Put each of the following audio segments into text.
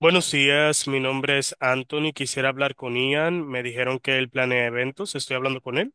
Buenos días, mi nombre es Anthony. Quisiera hablar con Ian. Me dijeron que él planea eventos. Estoy hablando con él.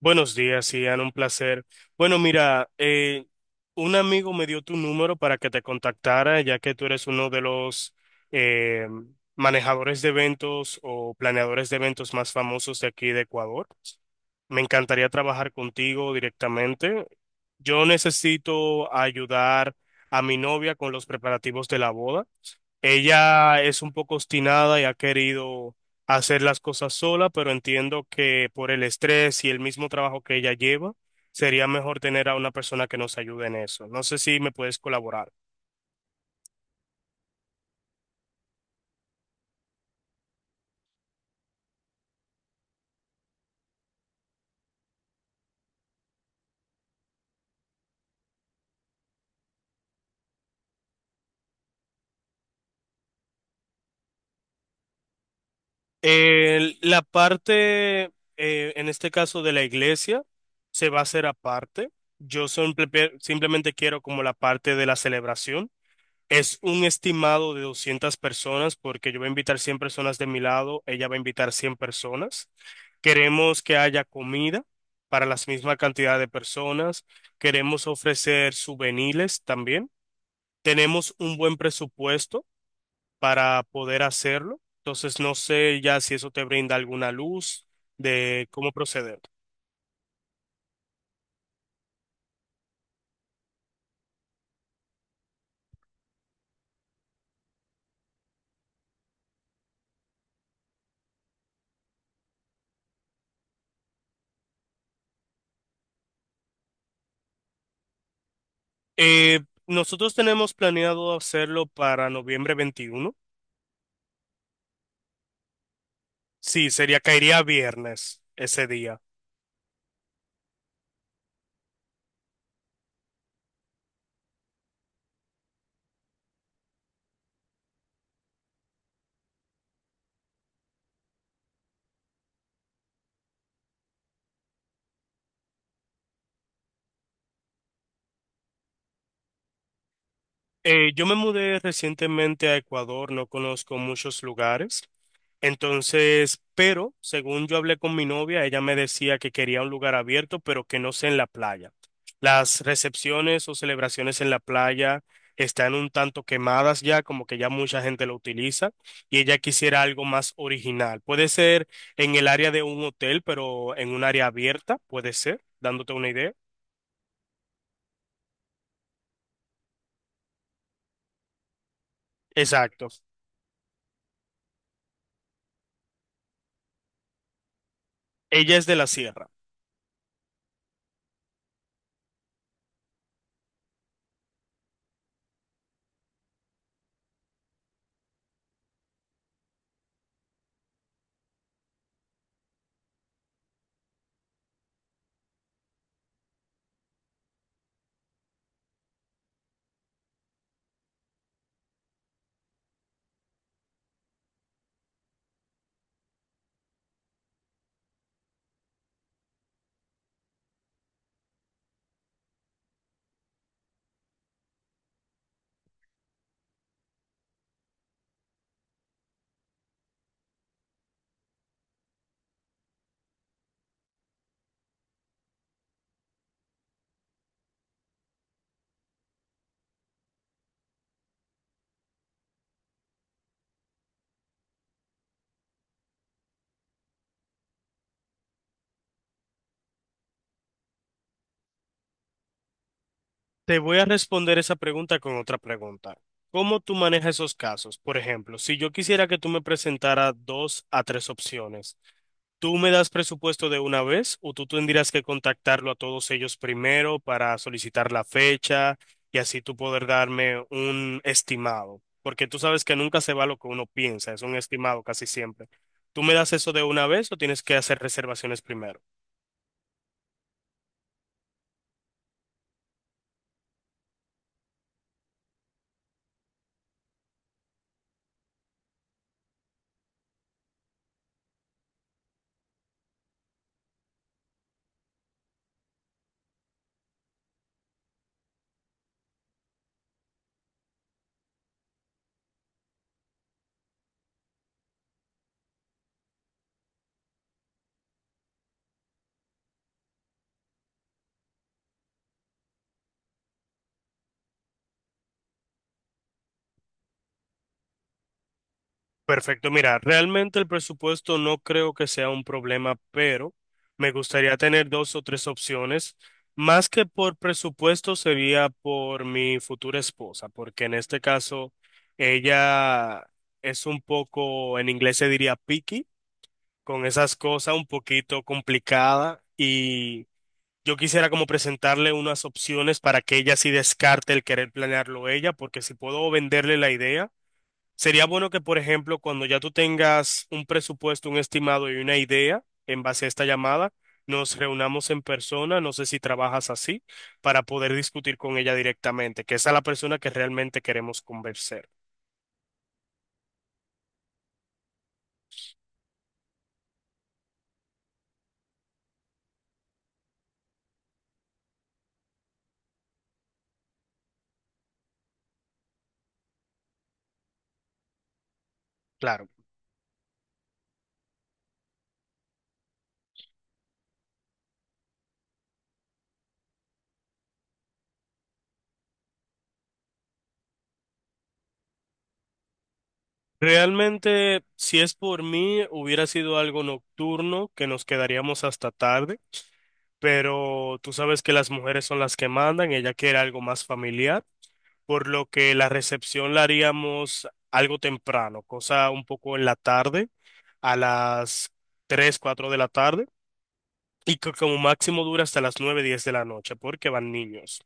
Buenos días, Ian. Un placer. Bueno, mira, un amigo me dio tu número para que te contactara, ya que tú eres uno de los eh, manejadores de eventos o planeadores de eventos más famosos de aquí de Ecuador. Me encantaría trabajar contigo directamente. Yo necesito ayudar a mi novia con los preparativos de la boda. Ella es un poco obstinada y ha querido hacer las cosas sola, pero entiendo que por el estrés y el mismo trabajo que ella lleva, sería mejor tener a una persona que nos ayude en eso. No sé si me puedes colaborar. La parte, en este caso de la iglesia, se va a hacer aparte. Yo simplemente quiero como la parte de la celebración. Es un estimado de 200 personas porque yo voy a invitar 100 personas de mi lado, ella va a invitar 100 personas. Queremos que haya comida para la misma cantidad de personas. Queremos ofrecer souvenirs también. Tenemos un buen presupuesto para poder hacerlo. Entonces, no sé ya si eso te brinda alguna luz de cómo proceder. Eh, nosotros tenemos planeado hacerlo para noviembre 21. Sí, sería, caería viernes ese día. Yo me mudé recientemente a Ecuador, no conozco muchos lugares, entonces, pero según yo hablé con mi novia, ella me decía que quería un lugar abierto, pero que no sea en la playa. Las recepciones o celebraciones en la playa están un tanto quemadas ya, como que ya mucha gente lo utiliza, y ella quisiera algo más original. Puede ser en el área de un hotel, pero en un área abierta, puede ser, dándote una idea. Exacto. Ella es de la sierra. Te voy a responder esa pregunta con otra pregunta. ¿Cómo tú manejas esos casos? Por ejemplo, si yo quisiera que tú me presentaras dos a tres opciones, ¿tú me das presupuesto de una vez o tú tendrías que contactarlo a todos ellos primero para solicitar la fecha y así tú poder darme un estimado? Porque tú sabes que nunca se va lo que uno piensa, es un estimado casi siempre. ¿Tú me das eso de una vez o tienes que hacer reservaciones primero? Perfecto, mira, realmente el presupuesto no creo que sea un problema, pero me gustaría tener dos o tres opciones. Más que por presupuesto sería por mi futura esposa, porque en este caso ella es un poco, en inglés se diría picky, con esas cosas un poquito complicada, y yo quisiera como presentarle unas opciones para que ella sí descarte el querer planearlo ella, porque si puedo venderle la idea. Sería bueno que, por ejemplo, cuando ya tú tengas un presupuesto, un estimado y una idea en base a esta llamada, nos reunamos en persona, no sé si trabajas así, para poder discutir con ella directamente, que esa es la persona que realmente queremos convencer. Claro. Realmente, si es por mí, hubiera sido algo nocturno, que nos quedaríamos hasta tarde, pero tú sabes que las mujeres son las que mandan, ella quiere algo más familiar, por lo que la recepción la haríamos algo temprano, cosa un poco en la tarde, a las 3-4 de la tarde, y que como máximo dura hasta las 9-10 de la noche, porque van niños.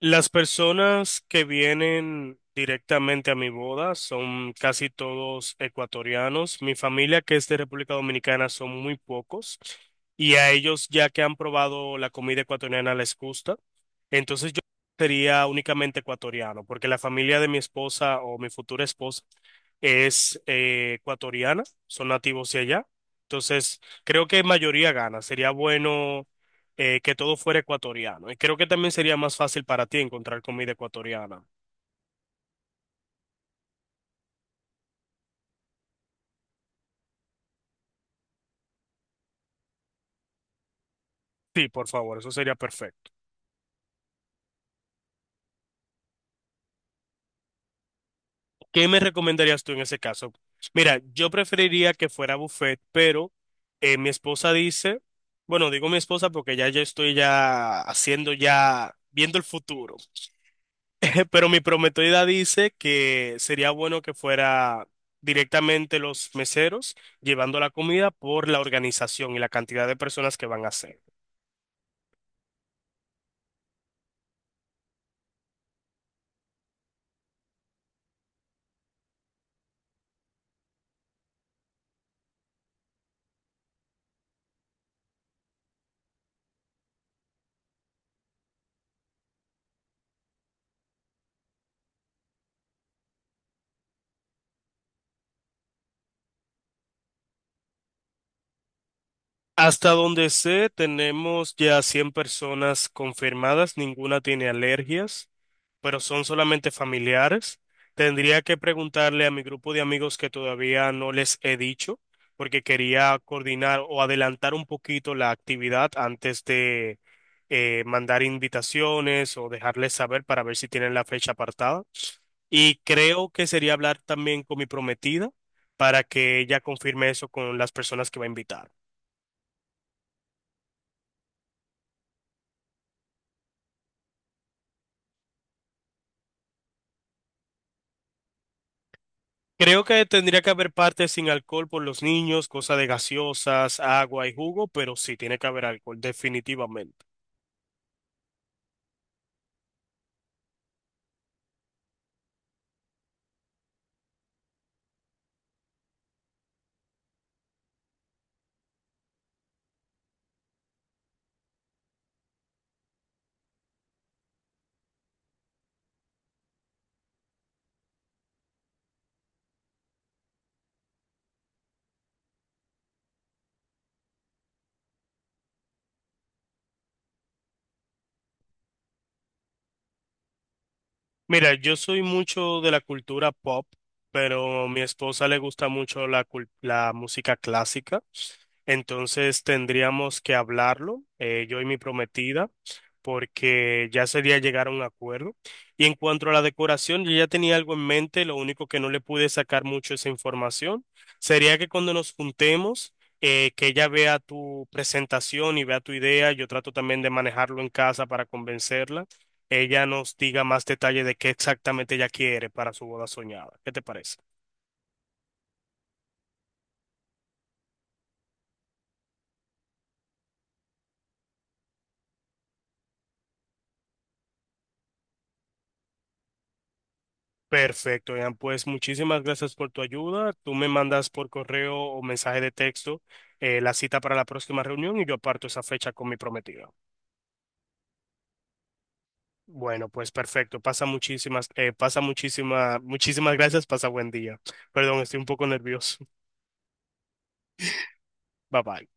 Las personas que vienen directamente a mi boda son casi todos ecuatorianos. Mi familia, que es de República Dominicana, son muy pocos. Y a ellos, ya que han probado la comida ecuatoriana, les gusta. Entonces yo sería únicamente ecuatoriano, porque la familia de mi esposa o mi futura esposa es ecuatoriana, son nativos de allá. Entonces creo que mayoría gana. Sería bueno que todo fuera ecuatoriano. Y creo que también sería más fácil para ti encontrar comida ecuatoriana. Sí, por favor, eso sería perfecto. ¿Qué me recomendarías tú en ese caso? Mira, yo preferiría que fuera buffet, pero mi esposa dice, bueno, digo mi esposa porque ya yo estoy ya haciendo ya, viendo el futuro. Pero mi prometida dice que sería bueno que fuera directamente los meseros llevando la comida por la organización y la cantidad de personas que van a ser. Hasta donde sé, tenemos ya 100 personas confirmadas, ninguna tiene alergias, pero son solamente familiares. Tendría que preguntarle a mi grupo de amigos que todavía no les he dicho, porque quería coordinar o adelantar un poquito la actividad antes de mandar invitaciones o dejarles saber para ver si tienen la fecha apartada. Y creo que sería hablar también con mi prometida para que ella confirme eso con las personas que va a invitar. Creo que tendría que haber parte sin alcohol por los niños, cosa de gaseosas, agua y jugo, pero sí tiene que haber alcohol, definitivamente. Mira, yo soy mucho de la cultura pop, pero mi esposa le gusta mucho la música clásica, entonces tendríamos que hablarlo, yo y mi prometida, porque ya sería llegar a un acuerdo. Y en cuanto a la decoración, yo ya tenía algo en mente, lo único que no le pude sacar mucho esa información sería que cuando nos juntemos, que ella vea tu presentación y vea tu idea, yo trato también de manejarlo en casa para convencerla, ella nos diga más detalle de qué exactamente ella quiere para su boda soñada. ¿Qué te parece? Perfecto, Ian. Pues muchísimas gracias por tu ayuda. Tú me mandas por correo o mensaje de texto la cita para la próxima reunión y yo aparto esa fecha con mi prometida. Bueno, pues perfecto. Pasa muchísimas, muchísimas gracias. Pasa buen día. Perdón, estoy un poco nervioso. Bye bye.